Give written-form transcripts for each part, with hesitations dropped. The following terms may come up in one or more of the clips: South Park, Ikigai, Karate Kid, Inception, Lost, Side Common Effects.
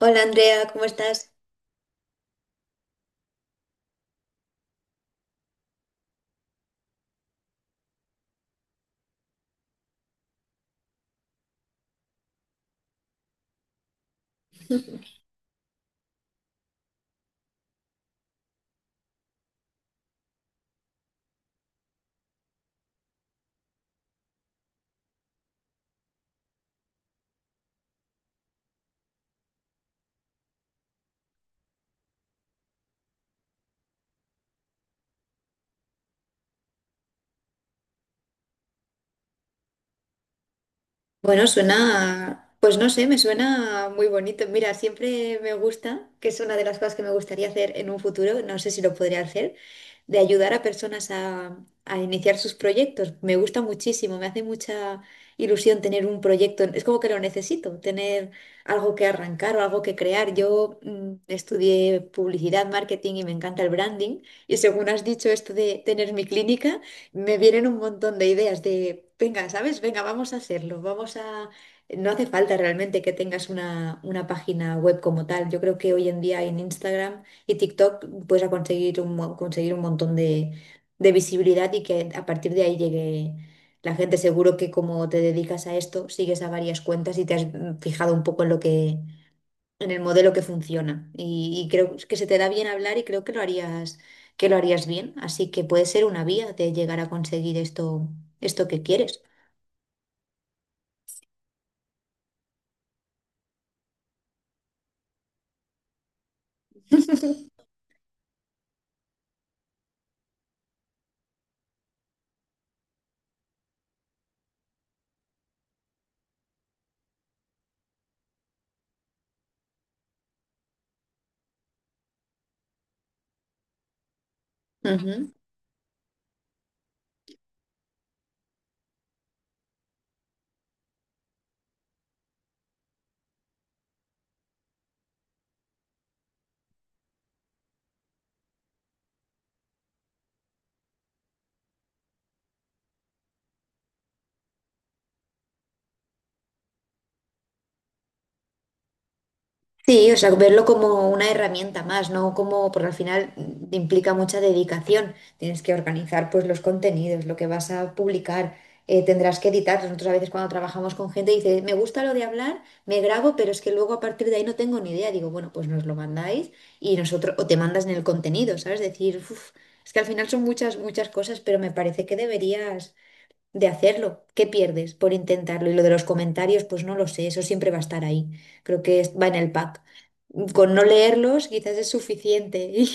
Hola Andrea, ¿cómo estás? Bueno, suena, pues no sé, me suena muy bonito. Mira, siempre me gusta, que es una de las cosas que me gustaría hacer en un futuro, no sé si lo podría hacer, de ayudar a personas a iniciar sus proyectos. Me gusta muchísimo, me hace mucha ilusión tener un proyecto. Es como que lo necesito, tener algo que arrancar o algo que crear. Yo estudié publicidad, marketing y me encanta el branding. Y según has dicho esto de tener mi clínica, me vienen un montón de ideas de, venga, ¿sabes? Venga, vamos a hacerlo, vamos a... No hace falta realmente que tengas una página web como tal. Yo creo que hoy en día en Instagram y TikTok puedes conseguir conseguir un montón de visibilidad y que a partir de ahí llegue la gente. Seguro que como te dedicas a esto, sigues a varias cuentas y te has fijado un poco en lo que, en el modelo que funciona. Y creo que se te da bien hablar y creo que lo harías bien. Así que puede ser una vía de llegar a conseguir esto que quieres. Ujú. Sí, o sea, verlo como una herramienta más, ¿no? Como, porque al final implica mucha dedicación. Tienes que organizar pues los contenidos, lo que vas a publicar, tendrás que editar. Nosotros a veces cuando trabajamos con gente dice, me gusta lo de hablar, me grabo, pero es que luego a partir de ahí no tengo ni idea. Digo, bueno, pues nos lo mandáis y nosotros, o te mandas en el contenido, ¿sabes? Decir, "Uf, es que al final son muchas, muchas cosas, pero me parece que deberías de hacerlo. ¿Qué pierdes por intentarlo? Y lo de los comentarios, pues no lo sé, eso siempre va a estar ahí. Creo que va en el pack. Con no leerlos quizás es suficiente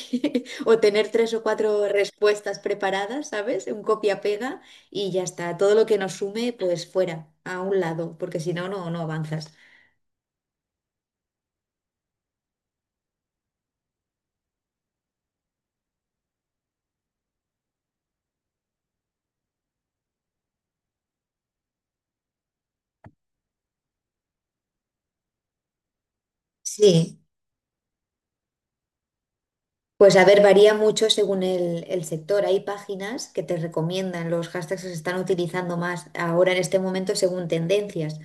o tener tres o cuatro respuestas preparadas, ¿sabes? Un copia-pega y ya está. Todo lo que nos sume, pues fuera, a un lado, porque si no, no, no avanzas. Sí, pues a ver, varía mucho según el sector. Hay páginas que te recomiendan los hashtags que se están utilizando más ahora en este momento según tendencias.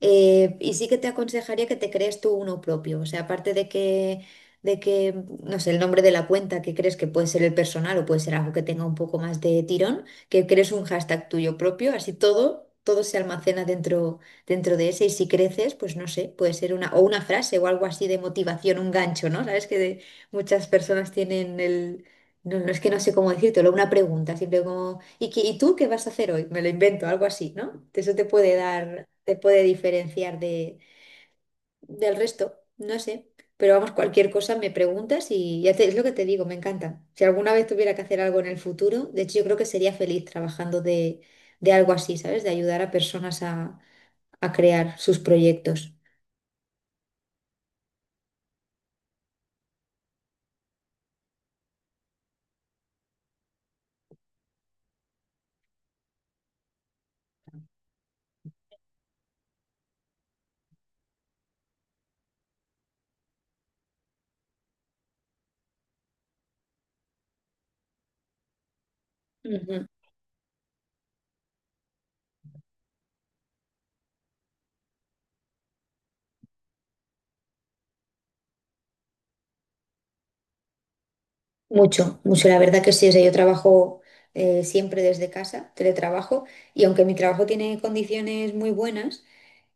Y sí que te aconsejaría que te crees tú uno propio. O sea, aparte de que, no sé, el nombre de la cuenta que crees que puede ser el personal o puede ser algo que tenga un poco más de tirón, que crees un hashtag tuyo propio, así todo, todo se almacena dentro de ese. Y si creces, pues no sé, puede ser una, o una frase o algo así de motivación, un gancho, ¿no? Sabes que muchas personas tienen el, no, no es que no sé cómo decírtelo, una pregunta, siempre como, y tú qué vas a hacer hoy? Me lo invento, algo así, ¿no? Eso te puede dar, te puede diferenciar del resto, no sé. Pero vamos, cualquier cosa me preguntas y ya te, es lo que te digo, me encanta. Si alguna vez tuviera que hacer algo en el futuro, de hecho yo creo que sería feliz trabajando de algo así, ¿sabes? De ayudar a personas a crear sus proyectos. Mucho, mucho, la verdad que sí. O sea, yo trabajo siempre desde casa, teletrabajo, y aunque mi trabajo tiene condiciones muy buenas,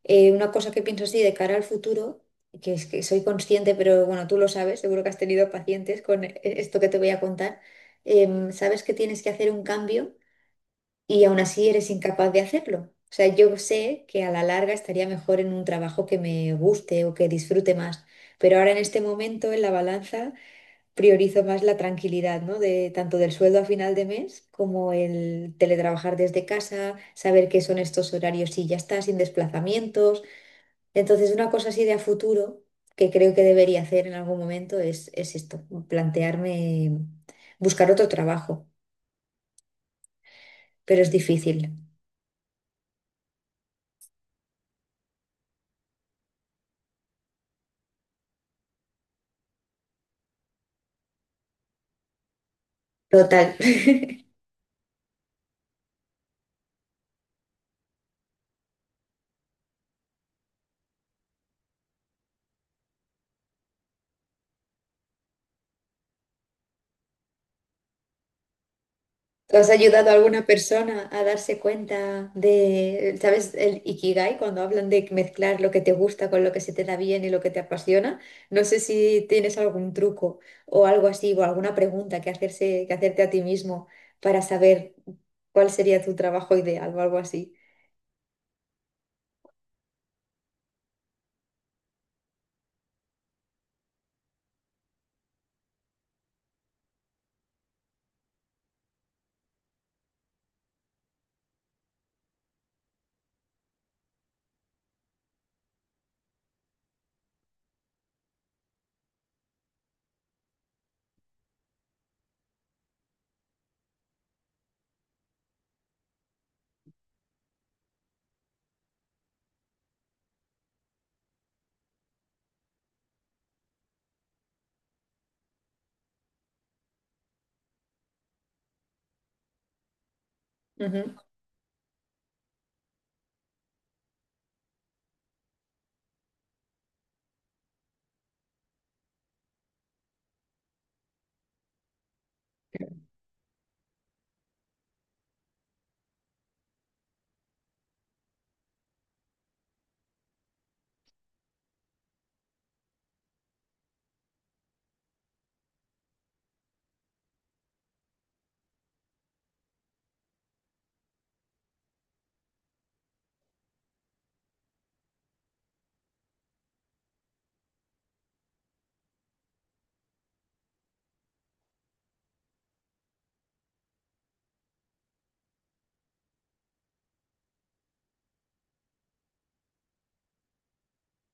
una cosa que pienso así de cara al futuro, que es que soy consciente, pero bueno, tú lo sabes, seguro que has tenido pacientes con esto que te voy a contar, sabes que tienes que hacer un cambio y aún así eres incapaz de hacerlo. O sea, yo sé que a la larga estaría mejor en un trabajo que me guste o que disfrute más, pero ahora en este momento en la balanza priorizo más la tranquilidad, ¿no? De, tanto del sueldo a final de mes como el teletrabajar desde casa, saber qué son estos horarios y ya está, sin desplazamientos. Entonces, una cosa así de a futuro que creo que debería hacer en algún momento es esto, plantearme buscar otro trabajo, pero es difícil. Total. ¿Tú has ayudado a alguna persona a darse cuenta de, ¿sabes? El Ikigai, cuando hablan de mezclar lo que te gusta con lo que se te da bien y lo que te apasiona. No sé si tienes algún truco o algo así, o alguna pregunta que hacerse, que hacerte a ti mismo para saber cuál sería tu trabajo ideal o algo así.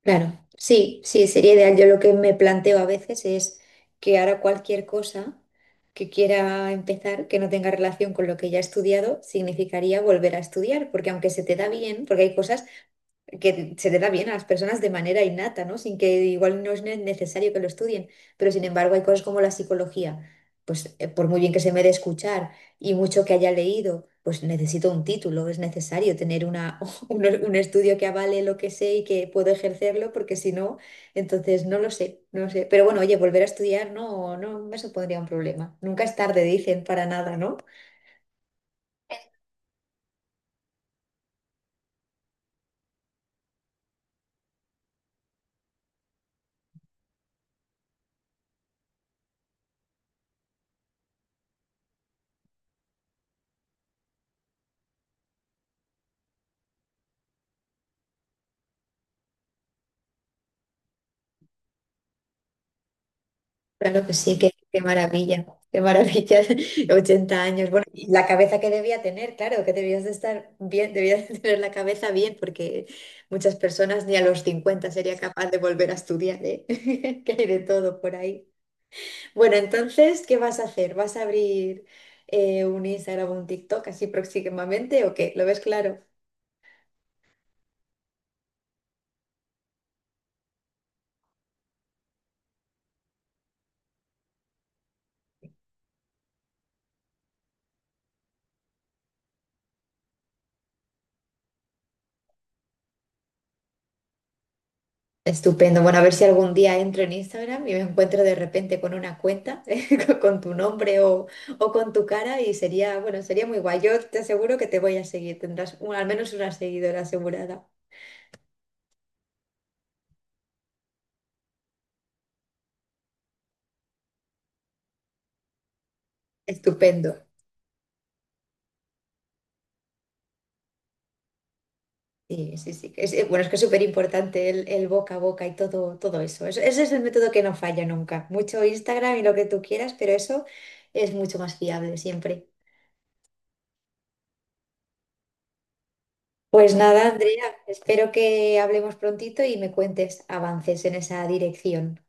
Claro, sí, sí, sería ideal. Yo lo que me planteo a veces es que ahora cualquier cosa que quiera empezar que no tenga relación con lo que ya he estudiado, significaría volver a estudiar, porque aunque se te da bien, porque hay cosas que se le da bien a las personas de manera innata, ¿no? Sin que igual no es necesario que lo estudien, pero sin embargo hay cosas como la psicología, pues por muy bien que se me dé escuchar y mucho que haya leído, pues necesito un título, es necesario tener una, un estudio que avale lo que sé y que puedo ejercerlo, porque si no, entonces no lo sé, no lo sé. Pero bueno, oye, volver a estudiar no, no me supondría un problema. Nunca es tarde, dicen, para nada, ¿no? Claro que sí, qué, qué maravilla, 80 años. Bueno, y la cabeza que debía tener, claro, que debías de estar bien, debías de tener la cabeza bien, porque muchas personas ni a los 50 sería capaz de volver a estudiar, ¿eh? Que hay de todo por ahí. Bueno, entonces, ¿qué vas a hacer? ¿Vas a abrir un Instagram o un TikTok así próximamente o qué? ¿Lo ves claro? Estupendo. Bueno, a ver si algún día entro en Instagram y me encuentro de repente con una cuenta con tu nombre o con tu cara y sería, bueno, sería muy guay. Yo te aseguro que te voy a seguir. Tendrás al menos una seguidora asegurada. Estupendo. Sí, sí, sí. Bueno, es que es súper importante el boca a boca y todo eso. Ese es el método que no falla nunca. Mucho Instagram y lo que tú quieras, pero eso es mucho más fiable siempre. Pues nada, Andrea, espero que hablemos prontito y me cuentes avances en esa dirección.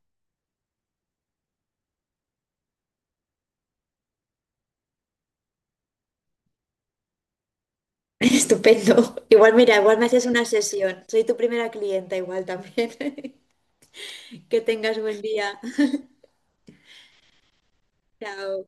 Estupendo. Igual, mira, igual me haces una sesión. Soy tu primera clienta igual también. Que tengas buen día. Chao.